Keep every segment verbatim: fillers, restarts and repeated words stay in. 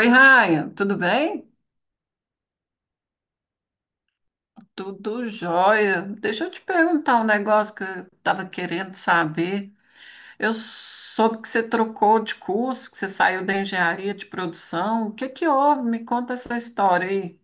Oi, Raia, tudo bem? Tudo jóia. Deixa eu te perguntar um negócio que eu estava querendo saber. Eu soube que você trocou de curso, que você saiu da engenharia de produção. O que que houve? Me conta essa história aí.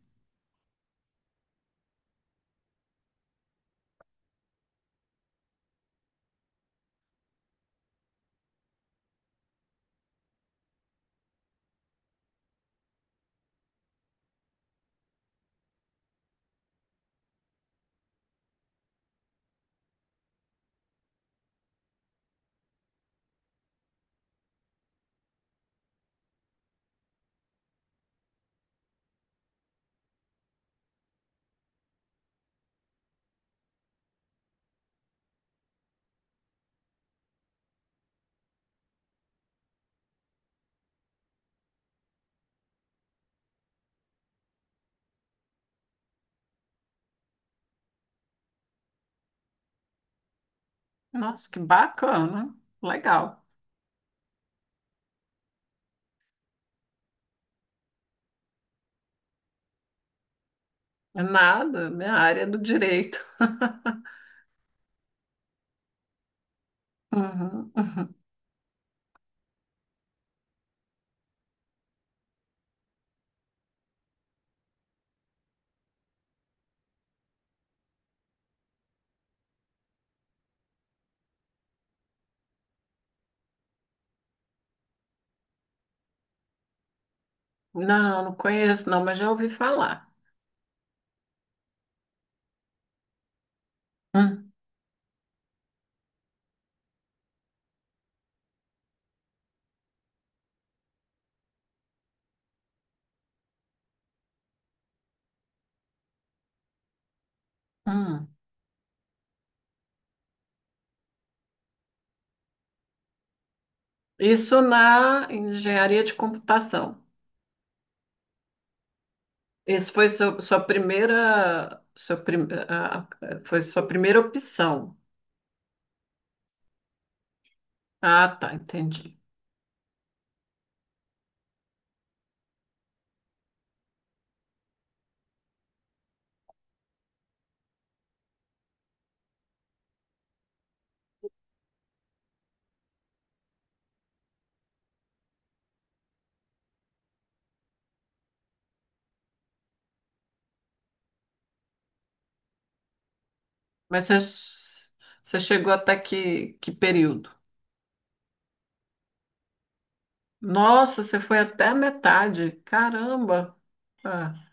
Nossa, que bacana. Legal. Nada, minha área é do direito. Uhum, uhum. Não, não conheço, não, mas já ouvi falar. Hum, hum. Isso na engenharia de computação. Esse foi seu, sua primeira, sua prim, ah, foi sua primeira opção. Ah, tá, entendi. Mas você, você chegou até que, que período? Nossa, você foi até a metade. Caramba! Ah,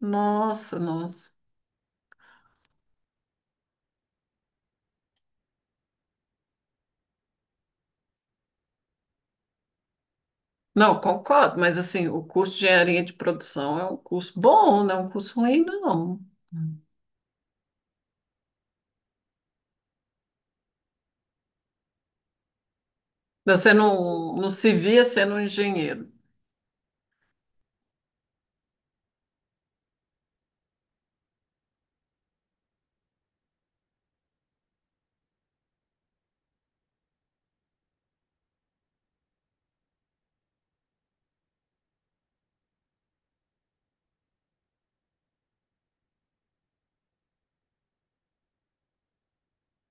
nossa, nossa. Não, concordo, mas assim, o curso de engenharia de produção é um curso bom, não é um curso ruim, não. Você não, não se via sendo um engenheiro.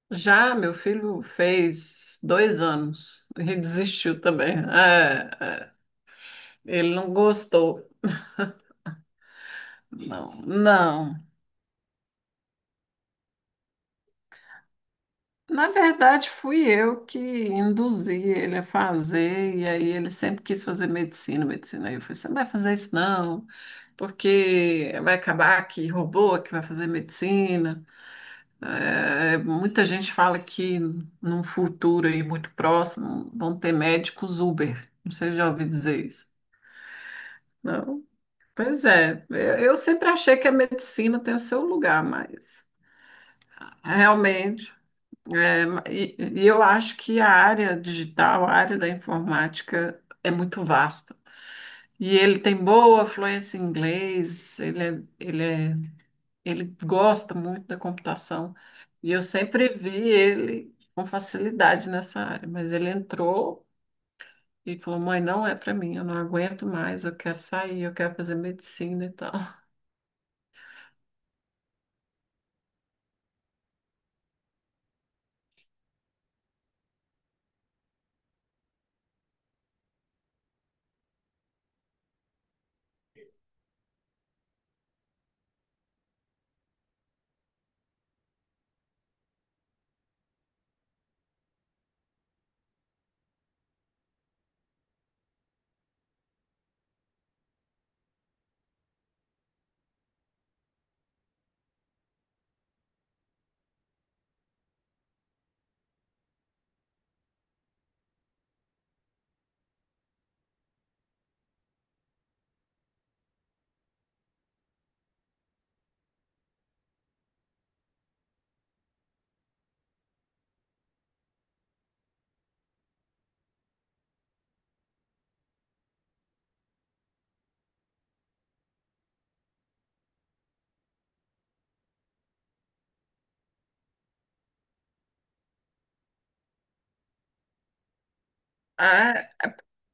Já meu filho fez dois anos e desistiu também. É, é, ele não gostou. Não, não. Na verdade, fui eu que induzi ele a fazer, e aí ele sempre quis fazer medicina, medicina. Aí eu falei, você não vai fazer isso não, porque vai acabar que robô que vai fazer medicina. É, muita gente fala que num futuro aí muito próximo vão ter médicos Uber. Não sei se já ouviu dizer isso. Não. Pois é, eu, eu sempre achei que a medicina tem o seu lugar, mas realmente, é, e, e eu acho que a área digital, a área da informática é muito vasta. E ele tem boa fluência em inglês, ele, é- ele, é- ele gosta muito da computação. E eu sempre vi ele com facilidade nessa área, mas ele entrou e falou: mãe, não é para mim, eu não aguento mais, eu quero sair, eu quero fazer medicina e tal.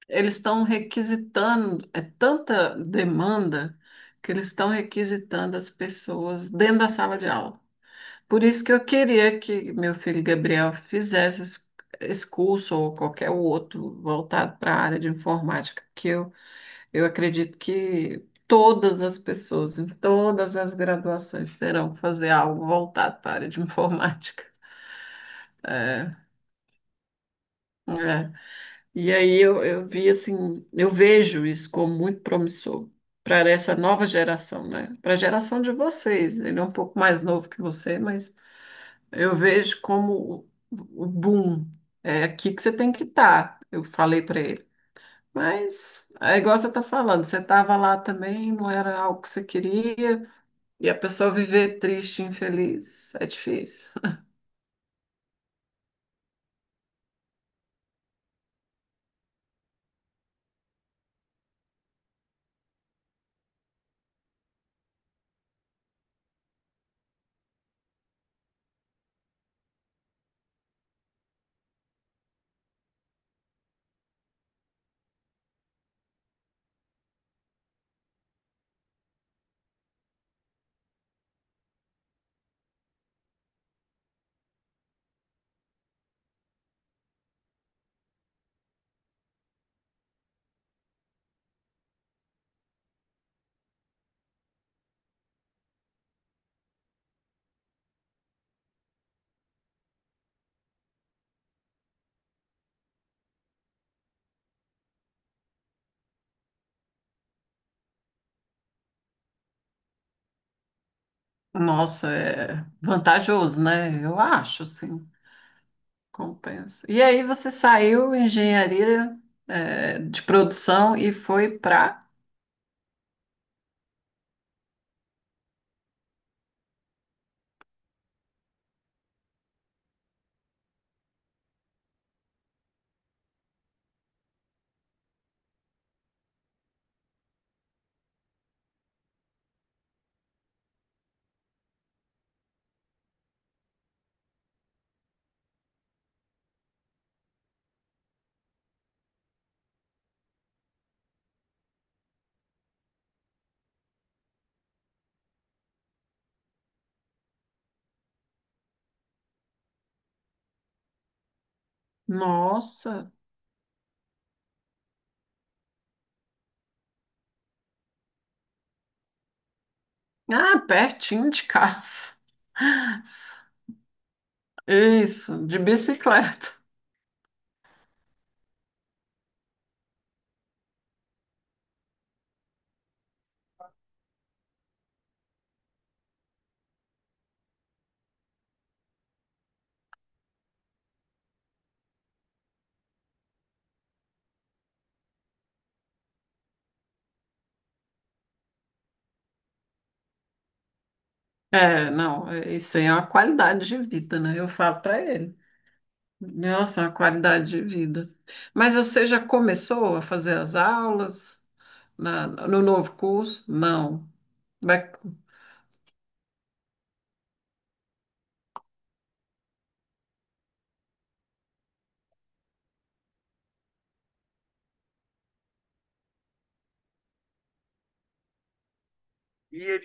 Eles estão requisitando, é tanta demanda que eles estão requisitando as pessoas dentro da sala de aula. Por isso que eu queria que meu filho Gabriel fizesse esse esse curso ou qualquer outro voltado para a área de informática, porque eu, eu acredito que todas as pessoas, em todas as graduações, terão que fazer algo voltado para a área de informática. É. E aí eu, eu vi assim, eu vejo isso como muito promissor para essa nova geração, né? Para a geração de vocês. Ele é um pouco mais novo que você, mas eu vejo como o o boom. É aqui que você tem que estar, eu falei para ele. Mas é igual você está falando, você estava lá também, não era algo que você queria, e a pessoa viver triste, infeliz, é difícil. Nossa, é vantajoso, né? Eu acho, assim. Compensa. E aí você saiu engenharia eh, de produção e foi para. Nossa! Ah, pertinho de casa. Isso, de bicicleta. É, não, é- isso aí é uma qualidade de vida, né? Eu falo para ele. Nossa, é uma qualidade de vida. Mas você já começou a fazer as aulas na- no novo curso? Não. Vai... E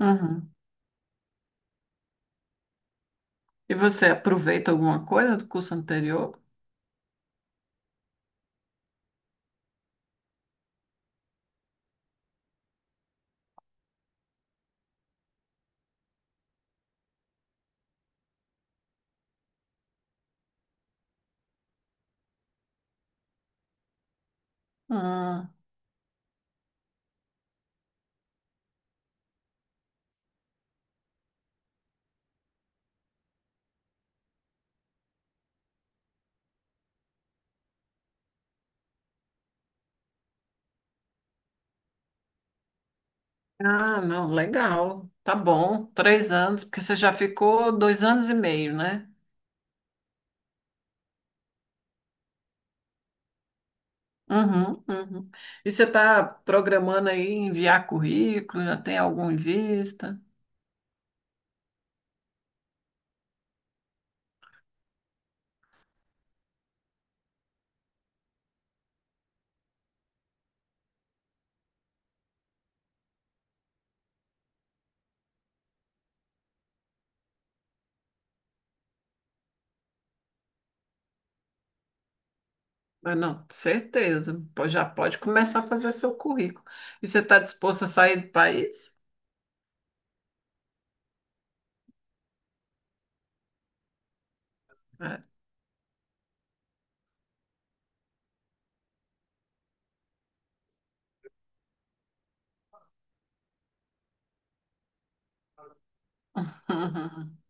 uhum. E você aproveita alguma coisa do curso anterior? Hum. Ah, não, legal. Tá bom. Três anos, porque você já ficou dois anos e meio, né? Uhum, uhum. E você está programando aí enviar currículo? Já tem algum em vista? Ah, não, certeza. Pô, já pode começar a fazer seu currículo. E você está disposto a sair do país?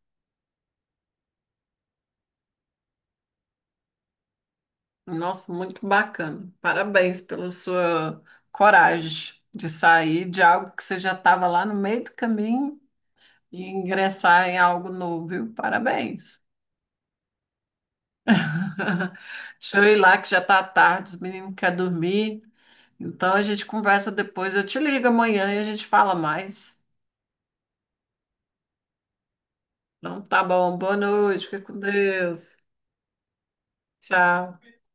Nossa, muito bacana. Parabéns pela sua coragem de sair de algo que você já estava lá no meio do caminho e ingressar em algo novo, viu? Parabéns. Deixa eu ir lá que já tá tarde, os meninos querem dormir. Então a gente conversa depois. Eu te ligo amanhã e a gente fala mais. Então tá bom, boa noite, fica com Deus. Tchau.